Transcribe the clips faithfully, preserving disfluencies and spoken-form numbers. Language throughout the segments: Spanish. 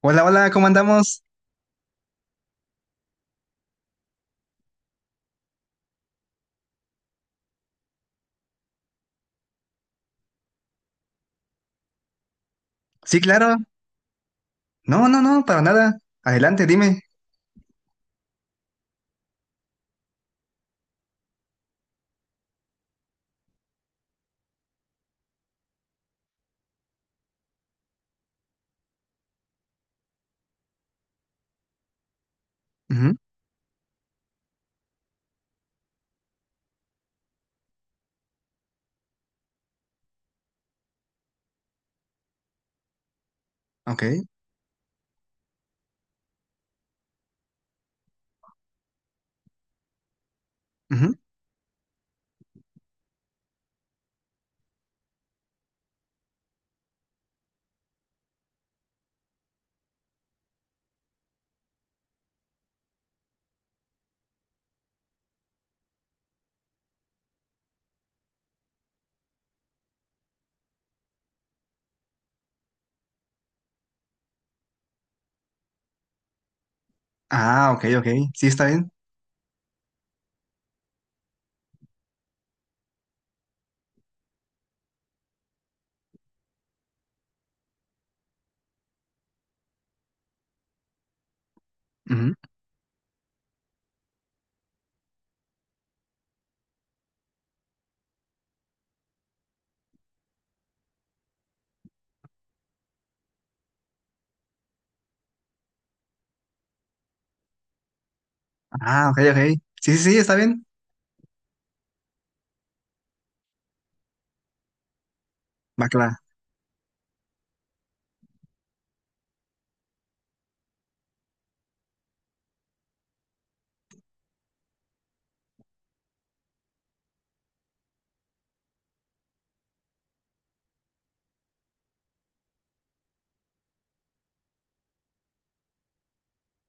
Hola, hola, ¿cómo andamos? Sí, claro. No, no, no, para nada. Adelante, dime. Ujú. Ok. Ujú. Ah, ok, ok. Sí, está bien. Ujú. Ah, ok, ok. Sí, sí, sí, está bien. Va, que va.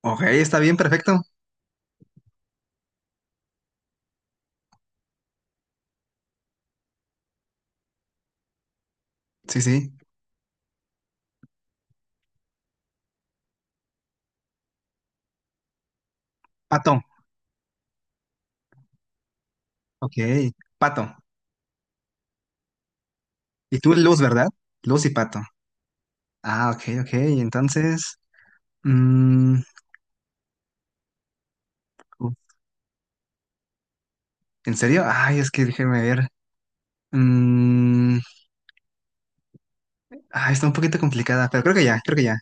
Ok, está bien, perfecto. Sí, sí. Pato. Ok. Pato. Y tú, Luz, ¿verdad? Luz y Pato. Ah, ok, ok. Entonces, mm, uf, ¿en serio? Ay, es que déjeme ver. Mm, ay, está un poquito complicada, pero creo que ya, creo que ya.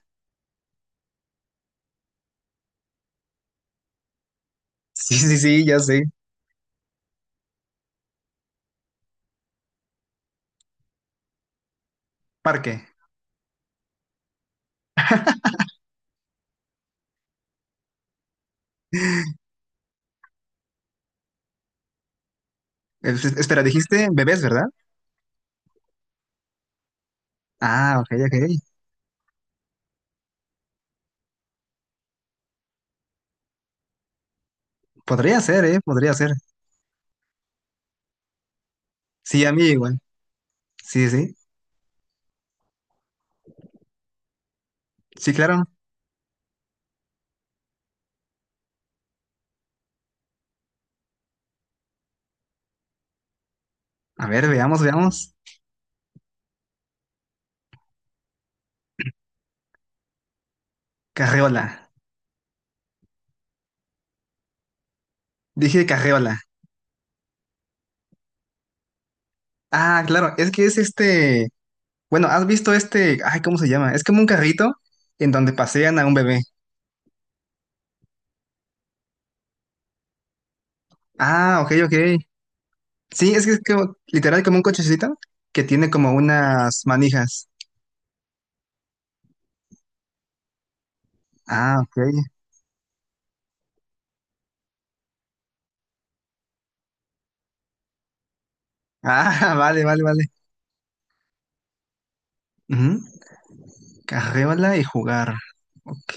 Sí, sí, sí, ya sé. Parque. Es- Espera, dijiste bebés, ¿verdad? Ah, ok, ok. Podría ser, ¿eh? Podría ser. Sí, a mí igual. Sí, sí. Sí, claro. A ver, veamos, veamos. Carreola. Dije carreola. Ah, claro, es que es este... Bueno, ¿has visto este... Ay, ¿cómo se llama? Es como un carrito en donde pasean a un bebé. Ah, ok, ok. Sí, es que es como, literal como un cochecito que tiene como unas manijas. Ah, ok. Ah, vale, vale, vale. Ujú. Carreola y jugar. Ok.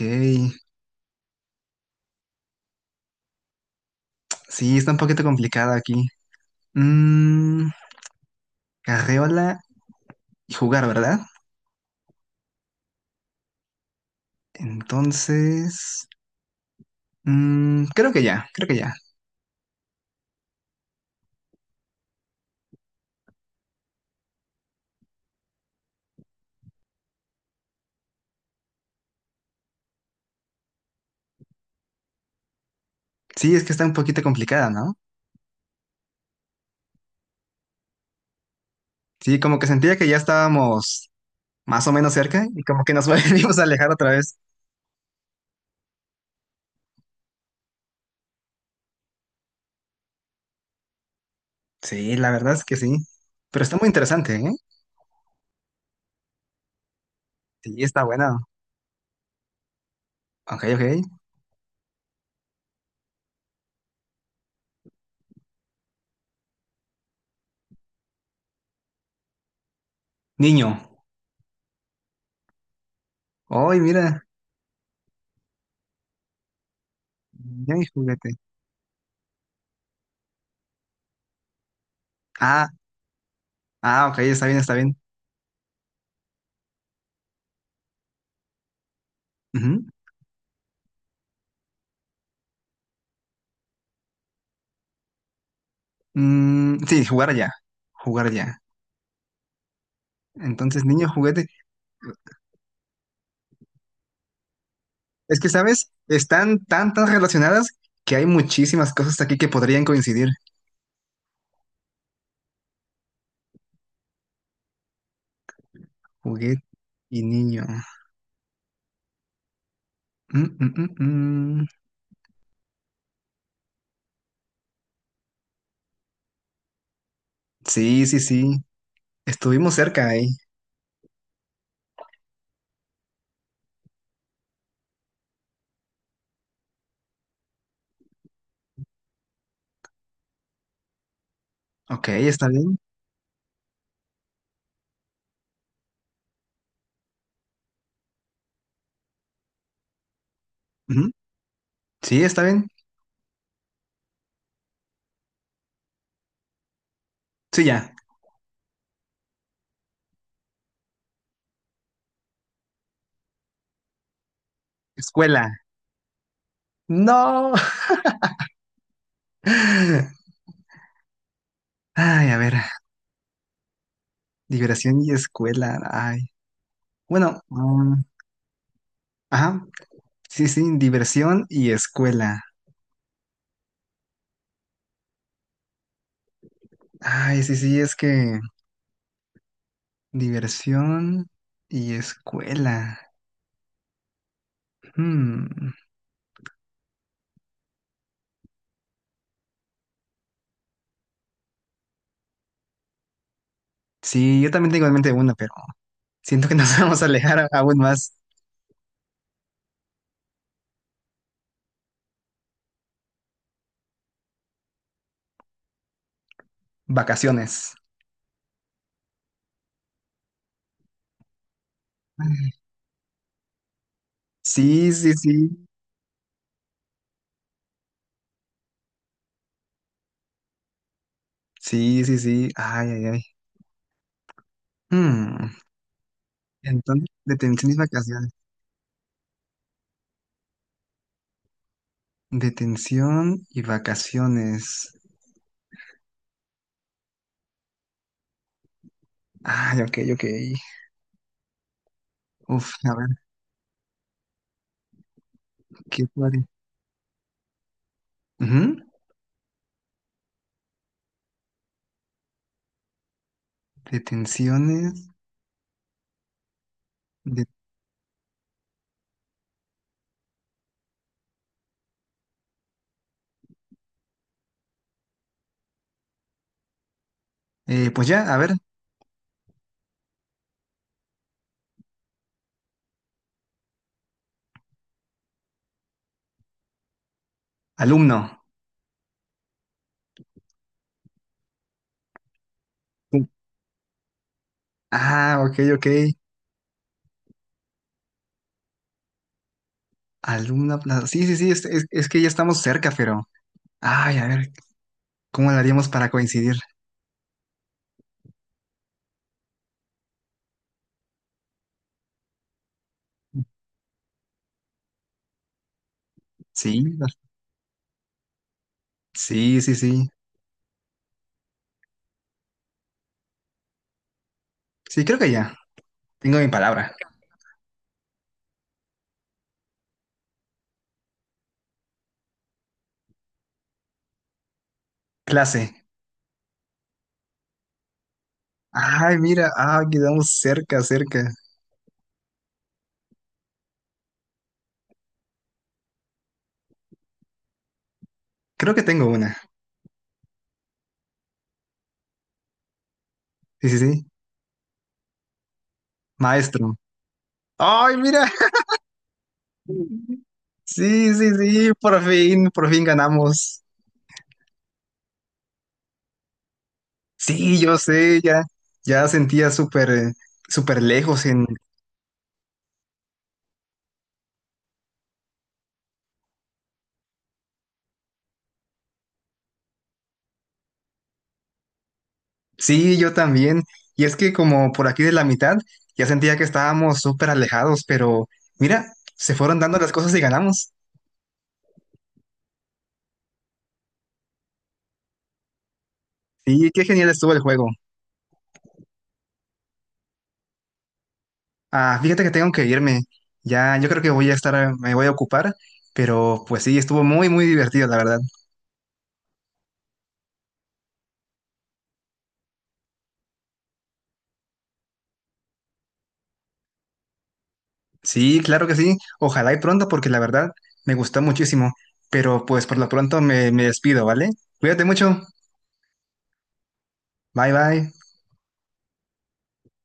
Sí, está un poquito complicado aquí. Mm, carreola y jugar, ¿verdad? Entonces, mm, creo que ya, creo que ya. Sí, es que está un poquito complicada, ¿no? Sí, como que sentía que ya estábamos más o menos cerca y como que nos volvimos a alejar otra vez. Sí, la verdad es que sí. Pero está muy interesante, ¿eh? Sí, está buena. Ok, ok. Niño. Ay, mira. Niño y juguete. Ah, ah, ok, está bien, está bien. Ujú. Mm, sí, jugar ya. Jugar ya. Entonces, niño juguete. Es que, ¿sabes? Están tan, tan relacionadas que hay muchísimas cosas aquí que podrían coincidir. Juguete y niño. Mm, mm, mm, mm. Sí, sí, sí. Estuvimos cerca ahí. Ok, está bien. Ujú. Sí, está bien. Sí, ya. Escuela. No. Ay, a ver. Diversión y escuela. Ay. Bueno, mm, ajá. Sí, sí, diversión y escuela. Ay, sí, sí, es que diversión y escuela. Hmm. Sí, yo también tengo en mente una, pero siento que nos vamos a alejar aún más. Vacaciones. Sí, sí, sí. Sí, sí, sí. Ay, ay, ay. Hmm. Entonces, detención y vacaciones. Detención y vacaciones. Ay, ok, ok. Uf, a ver, ¿qué puede? Ujú. Detenciones. de- eh, pues ya, a ver, alumno. Sí. Ah, ok, ok. Alguna plaza. Sí, sí, sí, es, es- es que ya estamos cerca, pero. Ay, a ver, ¿cómo lo haríamos para coincidir? Sí, sí, sí, sí. Sí, creo que ya. Tengo mi palabra. Clase. Ay, mira, ah, quedamos cerca, cerca. Creo que tengo una. Sí, sí, sí. Maestro. Ay, mira. Sí, sí, sí, por fin, por fin ganamos. Sí, yo sé, ya, ya sentía súper, eh, súper lejos en. Sí, yo también. Y es que como por aquí de la mitad, ya sentía que estábamos súper alejados, pero mira, se fueron dando las cosas y ganamos. Sí, qué genial estuvo el juego. Ah, fíjate que tengo que irme. Ya, yo creo que voy a estar, me voy a ocupar, pero pues sí, estuvo muy, muy divertido, la verdad. Sí, claro que sí. Ojalá y pronto, porque la verdad me gustó muchísimo. Pero pues por lo pronto me, me despido, ¿vale? Cuídate mucho. Bye, bye.